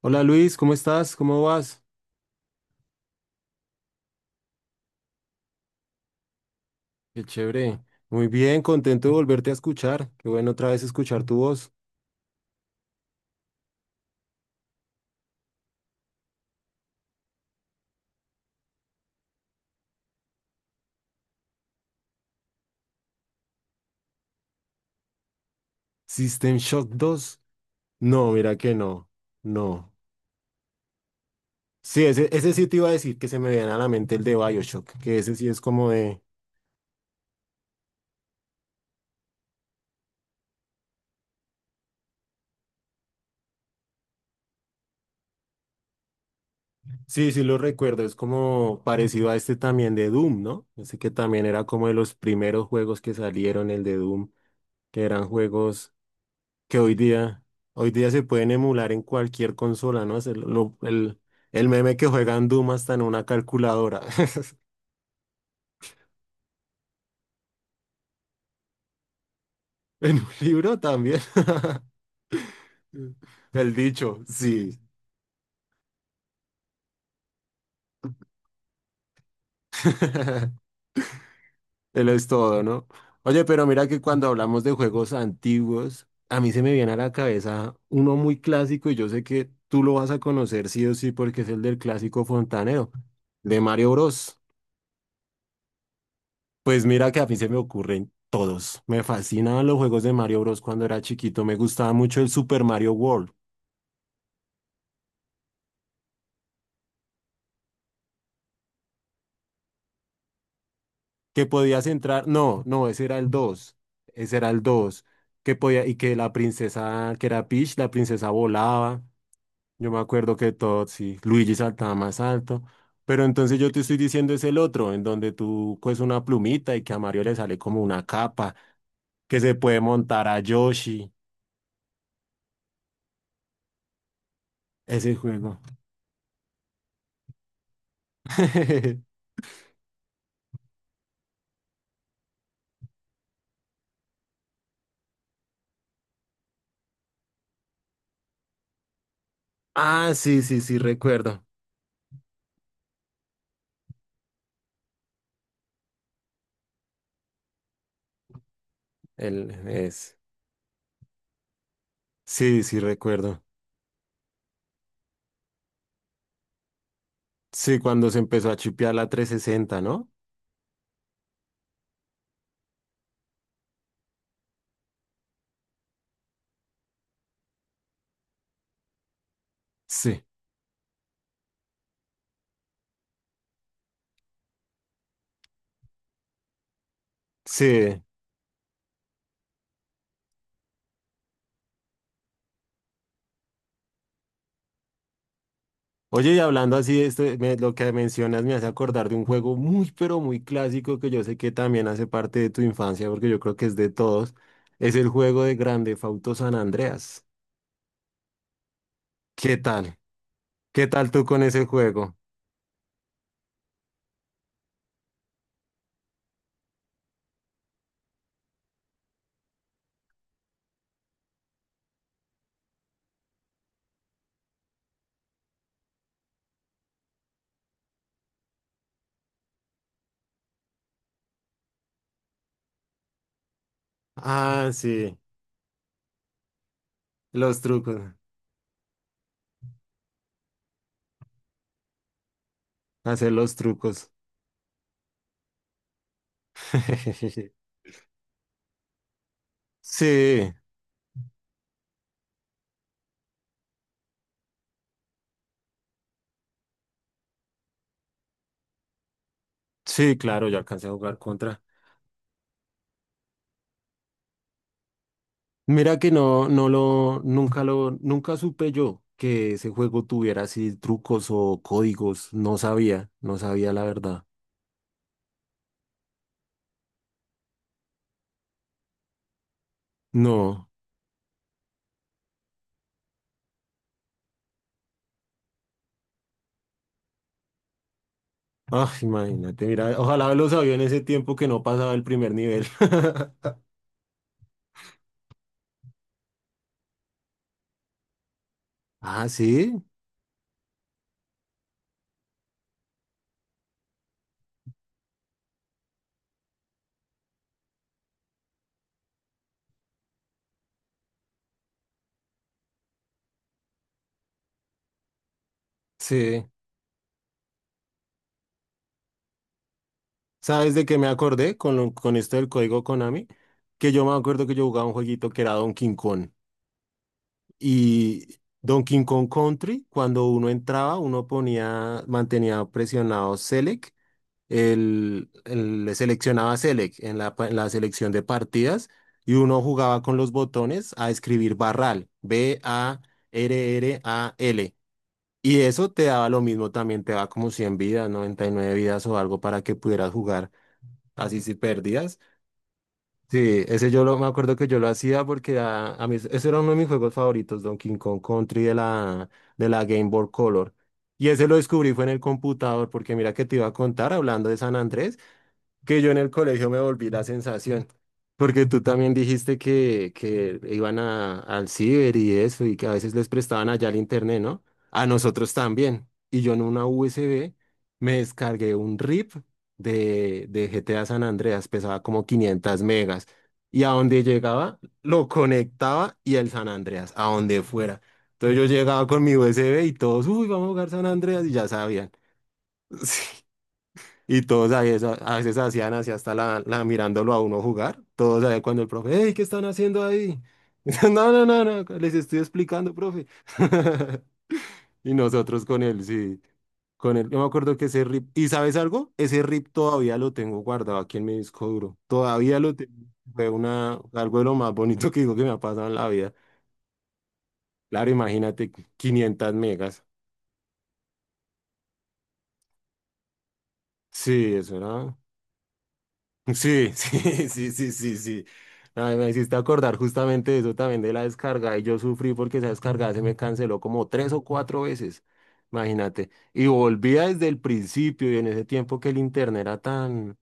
Hola Luis, ¿cómo estás? ¿Cómo vas? Qué chévere. Muy bien, contento de volverte a escuchar. Qué bueno otra vez escuchar tu voz. System Shock dos. No, mira que no. No. Sí, ese sí te iba a decir que se me viene a la mente el de BioShock, que ese sí es como de... Sí, sí lo recuerdo, es como parecido a este también de Doom, ¿no? Ese que también era como de los primeros juegos que salieron, el de Doom, que eran juegos que hoy día se pueden emular en cualquier consola, ¿no? Es el meme que juegan Doom hasta en una calculadora. En un libro también. El dicho, sí. Él es todo, ¿no? Oye, pero mira que cuando hablamos de juegos antiguos, a mí se me viene a la cabeza uno muy clásico y yo sé que tú lo vas a conocer sí o sí porque es el del clásico fontanero, de Mario Bros. Pues mira que a mí se me ocurren todos. Me fascinaban los juegos de Mario Bros. Cuando era chiquito. Me gustaba mucho el Super Mario World. Que podías entrar. No, no, ese era el 2. Ese era el dos. Que podía, y que la princesa, que era Peach, la princesa volaba. Yo me acuerdo que todo, sí, Luigi saltaba más alto. Pero entonces yo te estoy diciendo es el otro, en donde tú coges una plumita y que a Mario le sale como una capa, que se puede montar a Yoshi. Ese juego. Ah, sí, sí, sí, recuerdo. El es. Sí, sí, recuerdo. Sí, cuando se empezó a chipear la 360, ¿no? Sí, sí. Oye, y hablando así, este, lo que mencionas me hace acordar de un juego muy, pero muy clásico que yo sé que también hace parte de tu infancia, porque yo creo que es de todos. Es el juego de Grande Fauto San Andreas. ¿Qué tal? ¿Qué tal tú con ese juego? Ah, sí, los trucos. Hacer los trucos. Sí. Sí, claro, yo alcancé a jugar contra. Mira que no, nunca supe yo que ese juego tuviera así trucos o códigos. No sabía, no sabía la verdad. No. Ah, imagínate, mira, ojalá lo sabía en ese tiempo que no pasaba el primer nivel. Ah, sí, sí. ¿Sabes de qué me acordé con, con esto del código Konami? Que yo me acuerdo que yo jugaba un jueguito que era Donkey Kong. Y Donkey Kong Country, cuando uno entraba, uno ponía, mantenía presionado Select, le seleccionaba Select en la, en la selección de partidas y uno jugaba con los botones a escribir barral, B-A-R-R-A-L. Y eso te daba lo mismo, también te daba como 100 vidas, 99 vidas o algo para que pudieras jugar así si perdías. Sí, ese yo lo, me acuerdo que yo lo hacía porque a mí ese era uno de mis juegos favoritos, Donkey Kong Country de la Game Boy Color. Y ese lo descubrí fue en el computador, porque mira que te iba a contar, hablando de San Andrés, que yo en el colegio me volví la sensación, porque tú también dijiste que iban a, al ciber y eso, y que a veces les prestaban allá el internet, ¿no? A nosotros también. Y yo en una USB me descargué un RIP de GTA San Andreas, pesaba como 500 megas, y a donde llegaba lo conectaba y el San Andreas, a donde fuera. Entonces yo llegaba con mi USB y todos, uy, vamos a jugar San Andreas, y ya sabían. Y todos ahí, a veces hacían así hasta la mirándolo a uno jugar. Todos ahí cuando el profe, hey, ¿qué están haciendo ahí? No, no, no, no, les estoy explicando, profe. Y nosotros con él, sí, con él. Yo me acuerdo que ese RIP, ¿y sabes algo? Ese RIP todavía lo tengo guardado aquí en mi disco duro. Todavía lo tengo. Fue una, algo de lo más bonito que digo que me ha pasado en la vida. Claro, imagínate, 500 megas. Sí, eso era. Sí, sí, sí, sí, sí, sí. Ay, me hiciste acordar justamente de eso también de la descarga y yo sufrí porque esa descarga se me canceló como tres o cuatro veces, imagínate. Y volvía desde el principio y en ese tiempo que el internet era tan...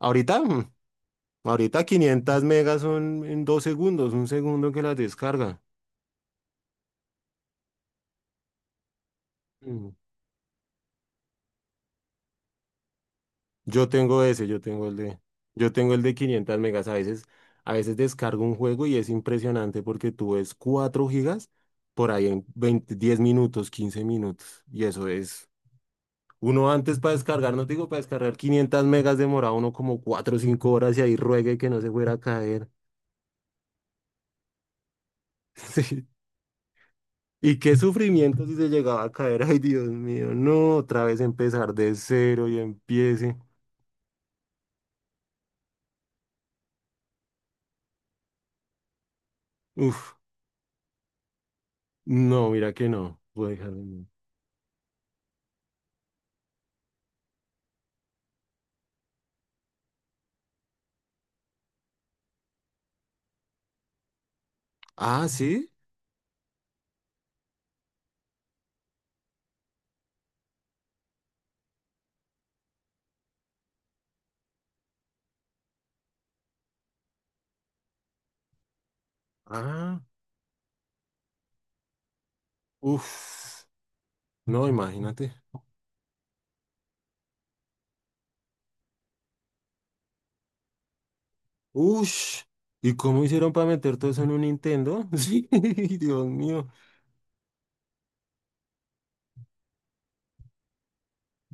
Ahorita, ahorita 500 megas son en dos segundos, un segundo que las descarga. Mm. Yo tengo ese, yo tengo el de 500 megas. A veces descargo un juego y es impresionante porque tú ves 4 gigas por ahí en 20 10 minutos, 15 minutos. Y eso es, uno antes para descargar, no te digo para descargar 500 megas demoraba uno como 4 o 5 horas y ahí ruegue que no se fuera a caer. Sí. Y qué sufrimiento si se llegaba a caer. Ay, Dios mío, no, otra vez empezar de cero y empiece. Uf, no, mira que no. Voy a dejarlo en mute. Ah, sí. Ah, uff, no, imagínate. Uff, ¿y cómo hicieron para meter todo eso en un Nintendo? Sí, Dios mío.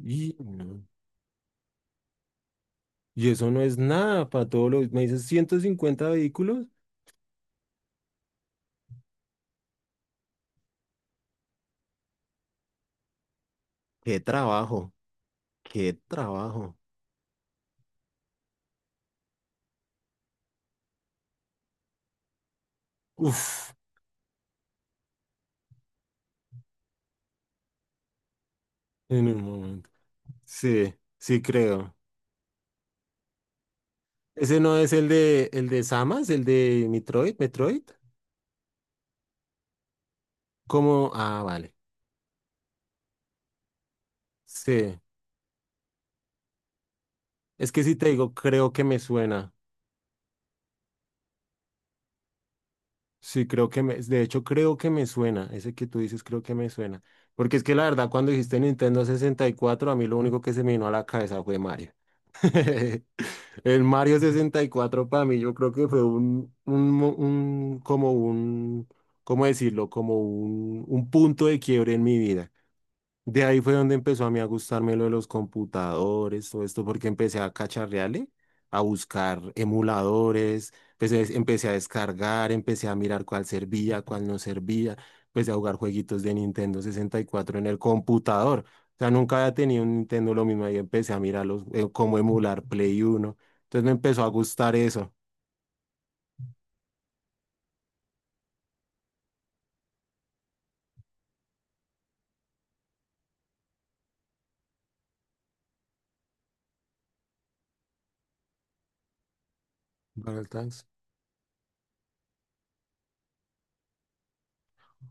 Y, no, y eso no es nada para todos los. ¿Me dices 150 vehículos? ¡Qué trabajo! ¡Qué trabajo! Uff, en un momento. Sí, sí creo. ¿Ese no es el de Samas, el de Metroid, Metroid? ¿Cómo? Ah, vale. Sí. Es que si te digo, creo que me suena. Sí, creo que me, de hecho creo que me suena, ese que tú dices creo que me suena, porque es que la verdad cuando dijiste Nintendo 64 a mí lo único que se me vino a la cabeza fue Mario. El Mario 64 para mí yo creo que fue un como un, ¿cómo decirlo? Como un punto de quiebre en mi vida. De ahí fue donde empezó a mí a gustarme lo de los computadores, todo esto, porque empecé a cacharrearle, a buscar emuladores, empecé a descargar, empecé a mirar cuál servía, cuál no servía, empecé a jugar jueguitos de Nintendo 64 en el computador. O sea, nunca había tenido un Nintendo lo mismo, ahí empecé a mirar los, cómo emular Play Uno. Entonces me empezó a gustar eso. Battle Tanks.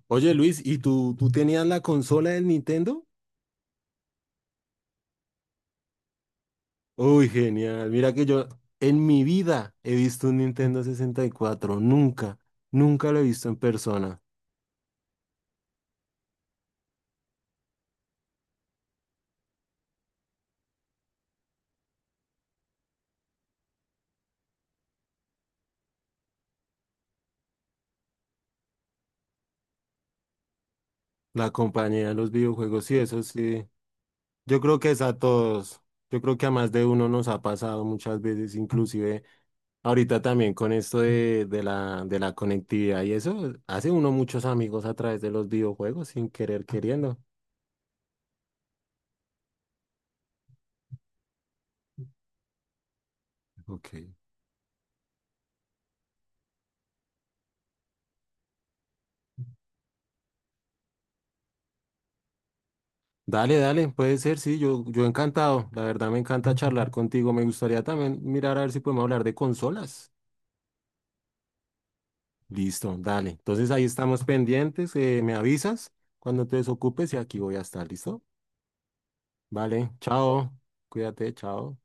Oye Luis, ¿y tú tenías la consola del Nintendo? Uy, genial. Mira que yo en mi vida he visto un Nintendo sesenta y cuatro. Nunca, nunca lo he visto en persona. La compañía de los videojuegos, sí, eso sí. Yo creo que es a todos. Yo creo que a más de uno nos ha pasado muchas veces, inclusive ahorita también con esto de la conectividad y eso, hace uno muchos amigos a través de los videojuegos sin querer queriendo. Ok. Dale, dale, puede ser, sí, yo encantado. La verdad me encanta charlar contigo. Me gustaría también mirar a ver si podemos hablar de consolas. Listo, dale. Entonces ahí estamos pendientes. Me avisas cuando te desocupes y aquí voy a estar, ¿listo? Vale, chao. Cuídate, chao.